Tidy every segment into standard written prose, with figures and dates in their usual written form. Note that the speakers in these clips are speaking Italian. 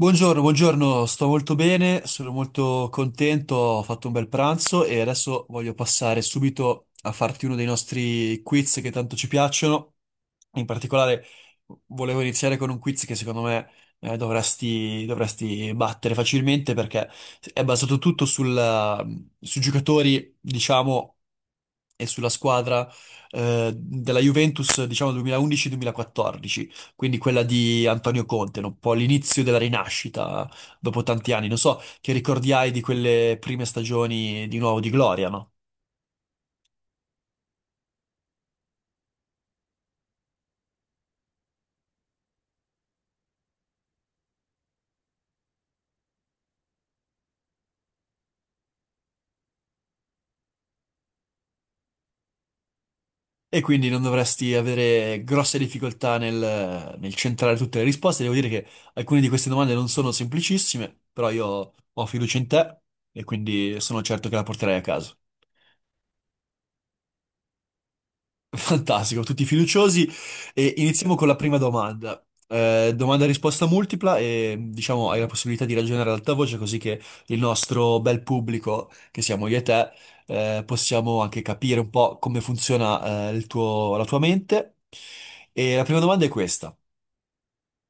Buongiorno, buongiorno, sto molto bene, sono molto contento, ho fatto un bel pranzo e adesso voglio passare subito a farti uno dei nostri quiz che tanto ci piacciono. In particolare volevo iniziare con un quiz che secondo me dovresti battere facilmente perché è basato tutto sui giocatori, diciamo, e sulla squadra della Juventus, diciamo, 2011-2014, quindi quella di Antonio Conte, no? Un po' l'inizio della rinascita dopo tanti anni. Non so che ricordi hai di quelle prime stagioni di nuovo di Gloria, no? E quindi non dovresti avere grosse difficoltà nel centrare tutte le risposte. Devo dire che alcune di queste domande non sono semplicissime, però io ho fiducia in te e quindi sono certo che la porterai a casa. Fantastico, tutti fiduciosi e iniziamo con la prima domanda. Domanda a risposta multipla e diciamo hai la possibilità di ragionare ad alta voce così che il nostro bel pubblico, che siamo io e te, possiamo anche capire un po' come funziona, la tua mente. E la prima domanda è questa.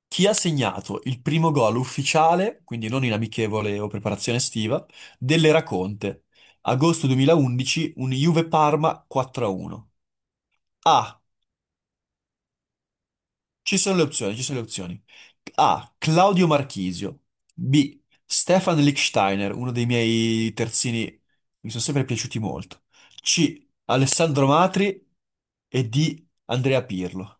Chi ha segnato il primo gol ufficiale, quindi non in amichevole o preparazione estiva, dell'Era Conte? Agosto 2011, un Juve-Parma 4-1. A. Uno. A. Ci sono le opzioni, ci sono le opzioni. A. Claudio Marchisio. B. Stefan Lichtsteiner, uno dei miei terzini, mi sono sempre piaciuti molto. C. Alessandro Matri e D. Andrea Pirlo.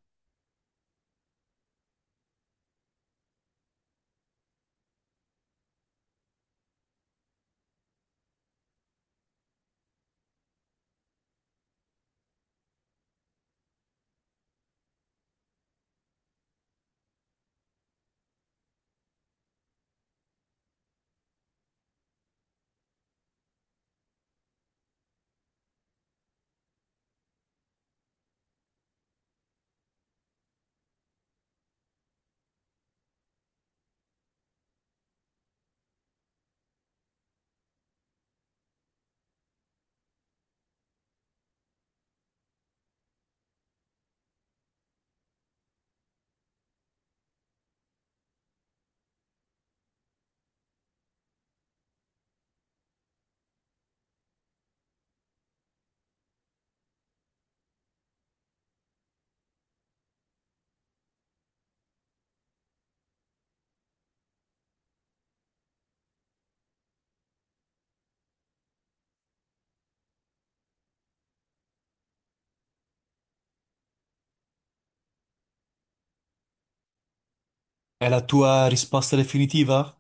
È la tua risposta definitiva?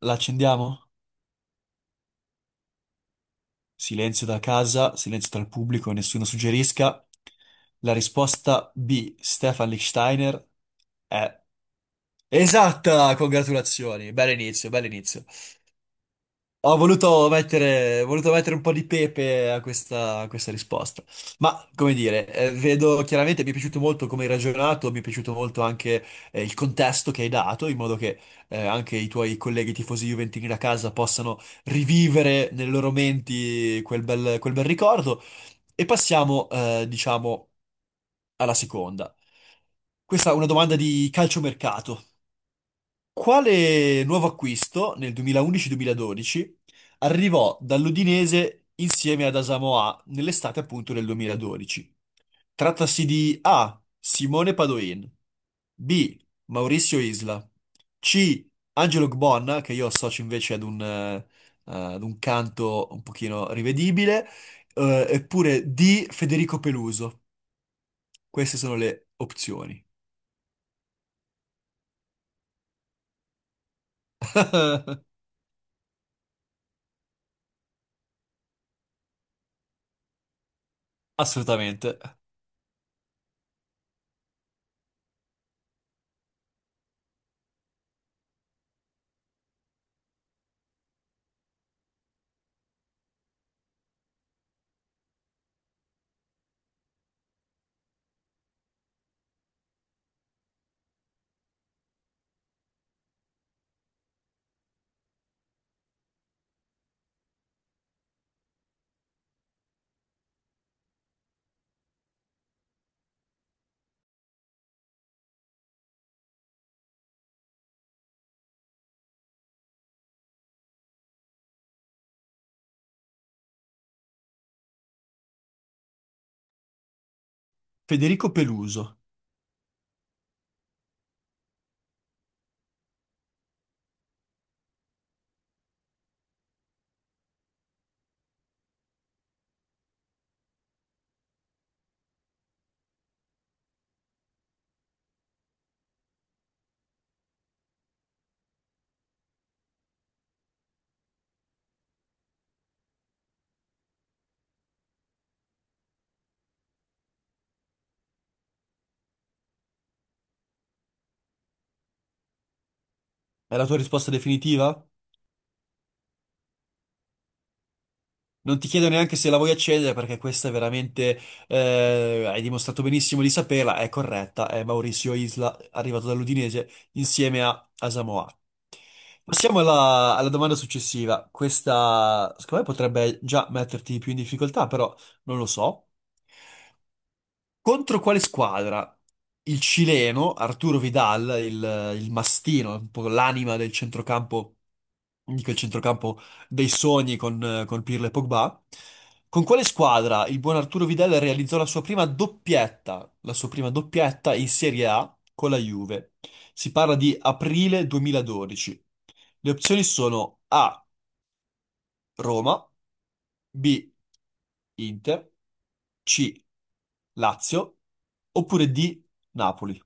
La accendiamo? Silenzio da casa, silenzio dal pubblico, nessuno suggerisca. La risposta B. Stefan Lichtsteiner è esatta! Congratulazioni, bell'inizio, bell'inizio. Ho voluto mettere un po' di pepe a a questa risposta. Ma, come dire, vedo chiaramente, mi è piaciuto molto come hai ragionato, mi è piaciuto molto anche il contesto che hai dato, in modo che anche i tuoi colleghi tifosi juventini da casa possano rivivere nelle loro menti quel bel ricordo. E passiamo, diciamo, alla seconda. Questa è una domanda di calciomercato. Quale nuovo acquisto nel 2011-2012 arrivò dall'Udinese insieme ad Asamoah nell'estate appunto del 2012? Trattasi di A. Simone Padoin, B. Maurizio Isla, C. Angelo Gbon, che io associo invece ad ad un canto un pochino rivedibile, eppure D. Federico Peluso. Queste sono le opzioni. Assolutamente. Federico Peluso. È la tua risposta definitiva? Non ti chiedo neanche se la vuoi accedere perché questa è veramente, hai dimostrato benissimo di saperla, è corretta, è Maurizio Isla, arrivato dall'Udinese insieme a Asamoah. Passiamo alla domanda successiva. Questa, secondo me, potrebbe già metterti più in difficoltà, però non lo so. Contro quale squadra? Il cileno Arturo Vidal, il mastino, un po' l'anima del centrocampo, di quel centrocampo dei sogni con Pirlo e Pogba. Con quale squadra il buon Arturo Vidal realizzò la sua prima doppietta, la sua prima doppietta in Serie A con la Juve? Si parla di aprile 2012. Le opzioni sono A, Roma, B, Inter, C. Lazio oppure D, Napoli.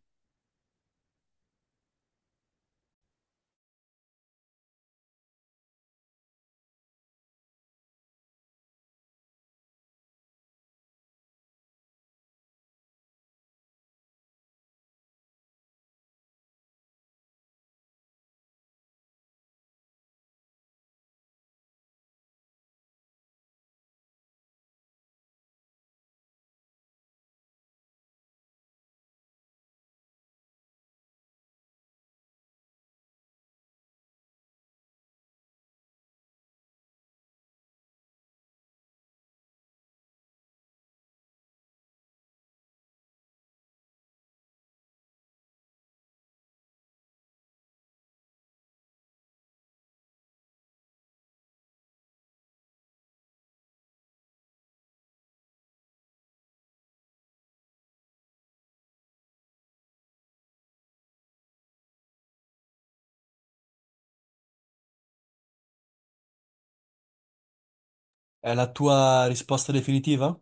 È la tua risposta definitiva?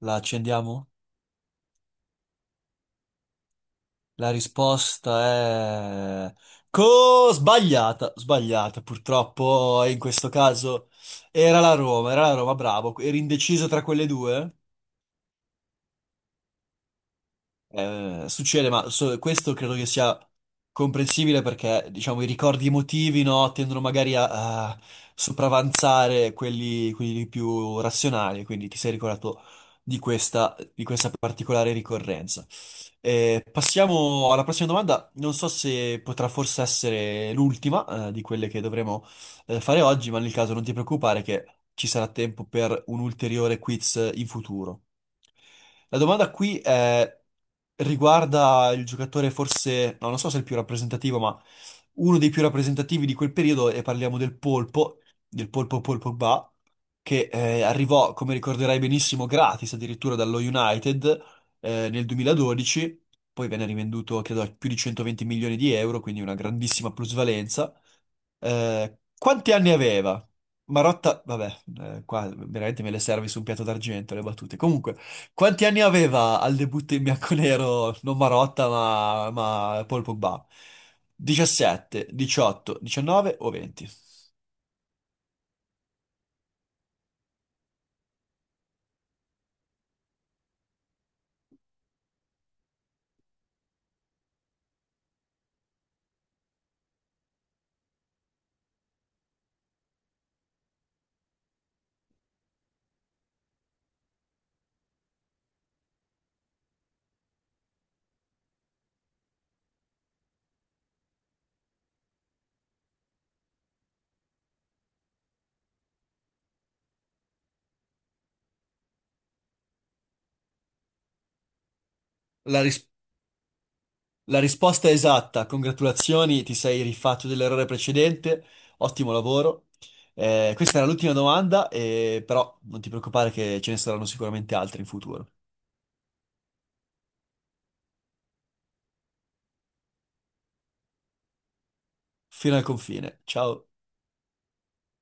La accendiamo? La risposta è... Sbagliata, sbagliata, purtroppo in questo caso era la Roma, bravo, eri indeciso tra quelle due? Succede, ma questo credo che sia comprensibile perché, diciamo, i ricordi emotivi, no, tendono magari a, a sopravanzare quelli, quelli più razionali, quindi ti sei ricordato di di questa particolare ricorrenza. Passiamo alla prossima domanda, non so se potrà forse essere l'ultima, di quelle che dovremo, fare oggi, ma nel caso non ti preoccupare che ci sarà tempo per un ulteriore quiz in futuro. La domanda qui è, riguarda il giocatore forse, no, non so se è il più rappresentativo, ma uno dei più rappresentativi di quel periodo, e parliamo del Polpo, del Polpo Ba, che arrivò, come ricorderai benissimo, gratis addirittura dallo United nel 2012, poi venne rivenduto, credo, a più di 120 milioni di euro, quindi una grandissima plusvalenza. Quanti anni aveva? Marotta, vabbè, qua veramente me le servi su un piatto d'argento le battute. Comunque, quanti anni aveva al debutto in bianconero, non Marotta, ma Paul Pogba? 17, 18, 19 o 20? La, ris- la risposta è esatta, congratulazioni, ti sei rifatto dell'errore precedente, ottimo lavoro. Questa era l'ultima domanda, però non ti preoccupare che ce ne saranno sicuramente altre in futuro. Fino al confine, ciao.